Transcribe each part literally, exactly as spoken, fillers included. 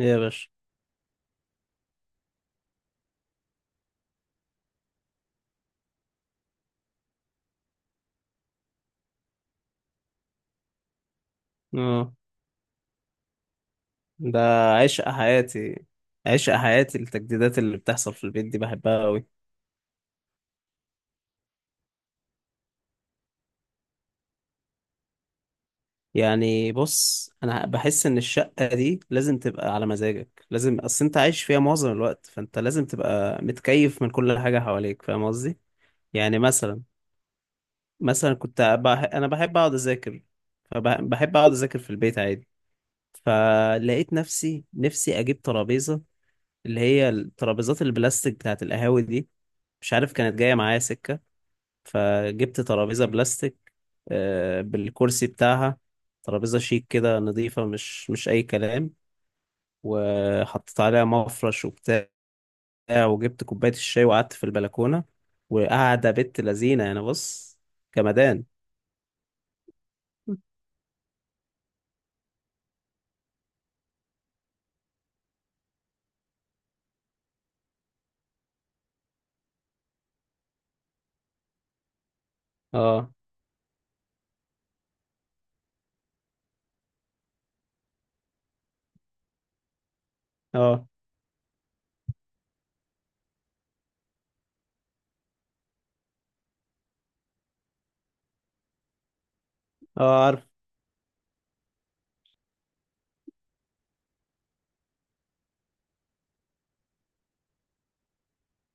إيه يا باشا. اه ده عشق حياتي. عشق حياتي التجديدات اللي بتحصل في البيت دي بحبها قوي. يعني بص، انا بحس ان الشقة دي لازم تبقى على مزاجك، لازم، اصل انت عايش فيها معظم الوقت، فانت لازم تبقى متكيف من كل حاجة حواليك. فاهم قصدي؟ يعني مثلا مثلا كنت بح... انا بحب اقعد اذاكر، فبحب اقعد اذاكر في البيت عادي. فلقيت نفسي نفسي اجيب ترابيزة، اللي هي الترابيزات البلاستيك بتاعت القهاوي دي، مش عارف كانت جاية معايا سكة. فجبت ترابيزة بلاستيك، آه، بالكرسي بتاعها، ترابيزة شيك كده، نظيفة، مش مش أي كلام، وحطيت عليها مفرش وبتاع، وجبت كوباية الشاي وقعدت في البلكونة وقاعدة بنت لذينة. يعني بص، جمدان. اه. اه. اه عارف.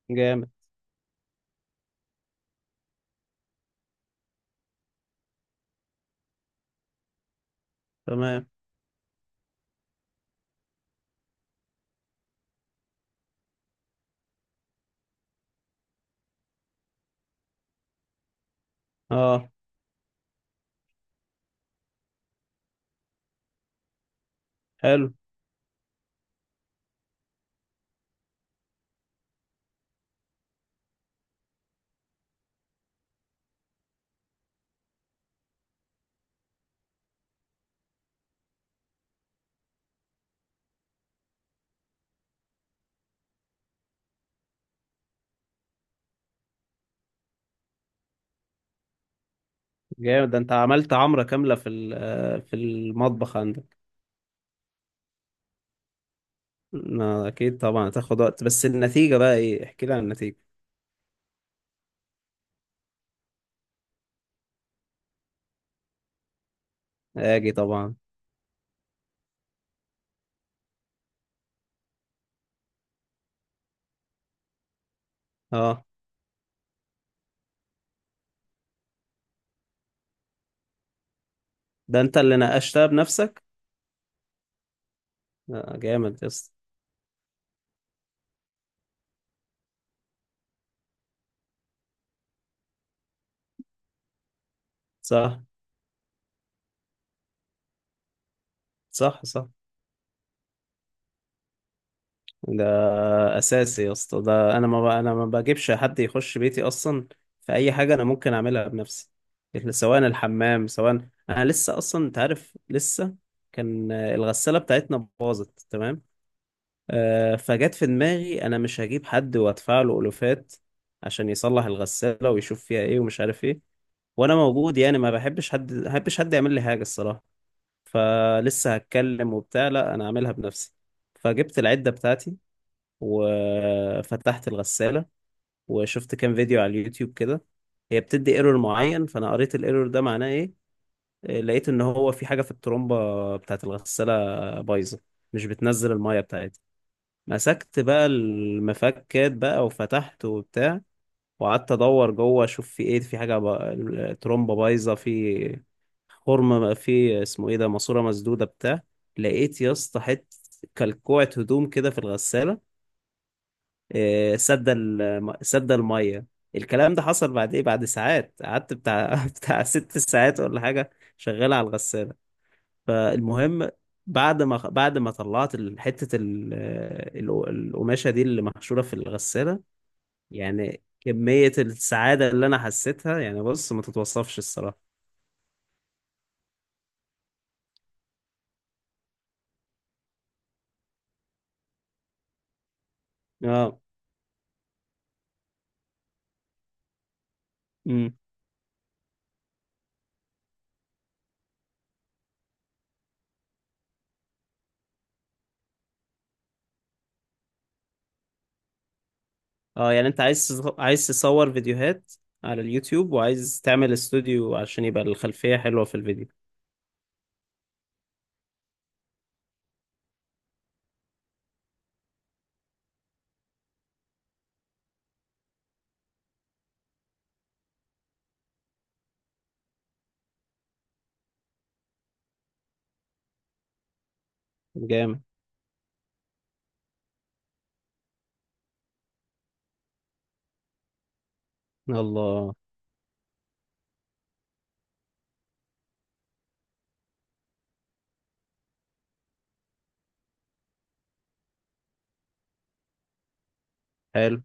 جامد. تمام. اه. حلو. جامد، ده انت عملت عمرة كاملة في ال- آه، في المطبخ عندك. ما اكيد طبعا هتاخد وقت، بس النتيجة بقى ايه؟ احكي لي عن النتيجة. اجي طبعا. اه، ده انت اللي ناقشتها بنفسك؟ آه، جامد يا اسطى. صح صح صح. ده اساسي يا اسطى، ده انا ما ب... انا ما بجيبش حد يخش بيتي اصلا في اي حاجه انا ممكن اعملها بنفسي، سواء الحمام سواء. انا لسه اصلا انت عارف، لسه كان آه، الغساله بتاعتنا باظت. تمام، آه، فجت في دماغي انا مش هجيب حد وادفع له الوفات عشان يصلح الغساله ويشوف فيها ايه ومش عارف ايه، وانا موجود يعني. ما بحبش حد ما بحبش حد يعمل لي حاجه الصراحه. فلسه هتكلم وبتاع، لا انا اعملها بنفسي. فجبت العدة بتاعتي وفتحت الغسالة وشفت كام فيديو على اليوتيوب كده. هي بتدي ايرور معين، فانا قريت الايرور ده معناه ايه. آه، لقيت ان هو في حاجة في الترومبة بتاعت الغسالة بايظة، مش بتنزل المية بتاعتها. مسكت بقى المفكات بقى وفتحت وبتاع، وقعدت ادور جوه اشوف في ايه، في حاجة بقى الترومبة بايظة في فورمه بقى، في اسمه ايه ده، ماسوره مسدوده بتاع لقيت يا اسطى حته كلكوعه هدوم كده في الغساله، آه، سد الم- سد الميه. الكلام ده حصل بعد ايه، بعد ساعات قعدت بتاع بتاع ست ساعات ولا حاجه شغال على الغساله. فالمهم، بعد ما بعد ما طلعت ال- حته ال- ال- القماشه دي اللي محشوره في الغساله، يعني كميه السعاده اللي انا حسيتها، يعني بص ما تتوصفش الصراحه. اه. اه يعني انت عايز تز- عايز تصور فيديوهات على اليوتيوب وعايز تعمل استوديو عشان يبقى الخلفية حلوة في الفيديو. جامد. الله. حلو.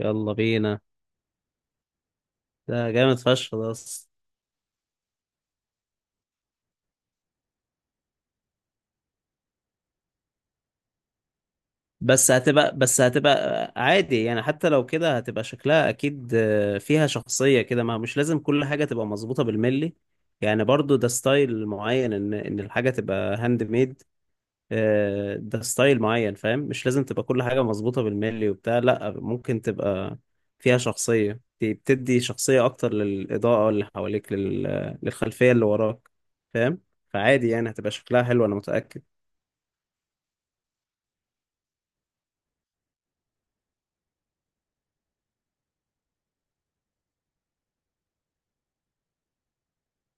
يلا بينا. ده جامد فشخ ده أصلاً. بس هتبقى، بس هتبقى عادي يعني، حتى لو كده هتبقى شكلها اكيد، آه، فيها شخصية كده، ما مش لازم كل حاجة تبقى مظبوطة بالملي. يعني برضو ده ستايل معين، ان ان الحاجة تبقى هاند ميد، آه، ده ستايل معين، فاهم؟ مش لازم تبقى كل حاجة مظبوطة بالملي وبتاع، لا، ممكن تبقى فيها شخصية. دي بتدي شخصية أكتر للإضاءة اللي حواليك، لل... للخلفية اللي وراك. فاهم؟ فعادي يعني، هتبقى شكلها حلو أنا متأكد.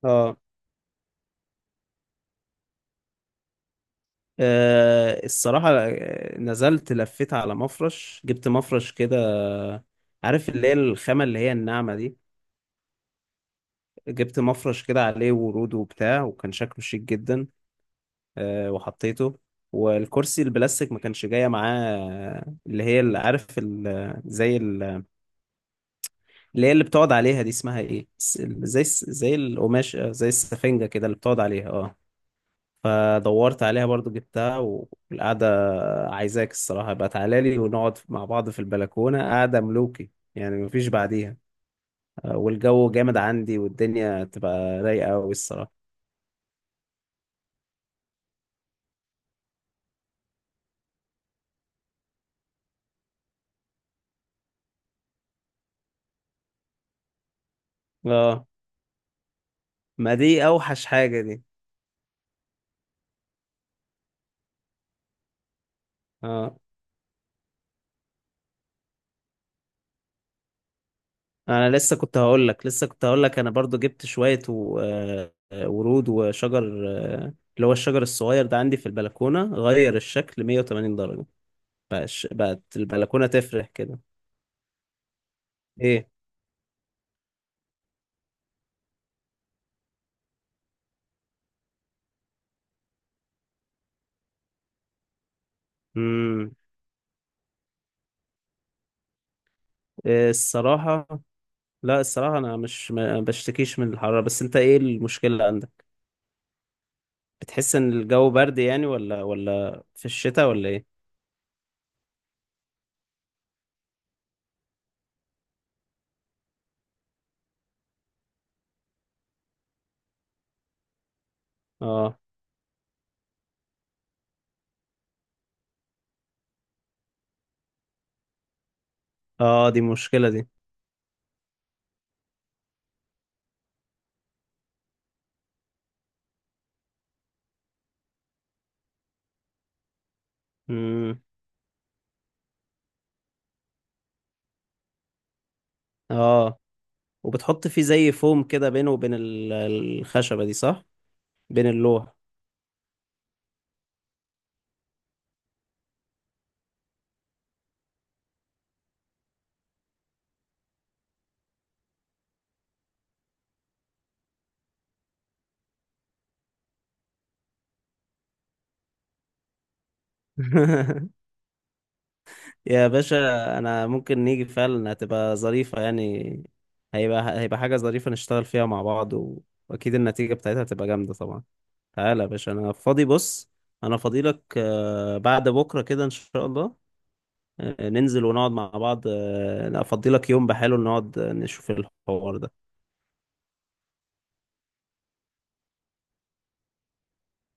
اه. آه، الصراحة، آه، نزلت لفيت على مفرش، جبت مفرش كده، عارف اللي هي الخامة اللي هي الناعمة دي، جبت مفرش كده عليه ورود وبتاع، وكان شكله شيك جدا. آه، وحطيته. والكرسي البلاستيك ما كانش جاية معاه اللي هي، اللي عارف ال- زي ال- اللي هي اللي بتقعد عليها دي اسمها ايه، س- زي الس- زي القماش، آه، زي السفنجة كده اللي بتقعد عليها، اه، فدورت عليها برضو جبتها. والقعدة عايزاك الصراحة بقى، تعالى لي ونقعد مع بعض في البلكونة قعدة ملوكي يعني، مفيش بعديها. آه، والجو جامد عندي والدنيا تبقى رايقة أوي الصراحة. اه، ما دي أوحش حاجة دي. اه، انا لسه كنت هقول لك، لسه كنت هقول لك انا برضو جبت شوية و- آه، ورود وشجر، آه، اللي هو الشجر الصغير ده عندي في البلكونة، غير الشكل مية وتمانين درجة. بقاش- بقت البلكونة تفرح كده. ايه؟ امم. إيه الصراحة، لا الصراحة انا مش، ما بشتكيش من الحرارة، بس انت ايه المشكلة عندك؟ بتحس ان الجو برد يعني، ولا ولا في الشتاء ولا ايه؟ اه. اه دي مشكلة دي. امم. اه، وبتحط فيه زي فوم كده بينه وبين ال- الخشبة دي صح؟ بين اللوح. يا باشا، انا ممكن نيجي فعلا، هتبقى ظريفة يعني. هيبقى هيبقى حاجة ظريفة نشتغل فيها مع بعض، و... واكيد النتيجة بتاعتها هتبقى جامدة طبعا. تعالى يا باشا، انا فاضي بص، انا فاضي لك، آه، بعد بكرة كده ان شاء الله، آه، ننزل ونقعد مع بعض، آه، افضي لك يوم بحاله نقعد نشوف الحوار ده.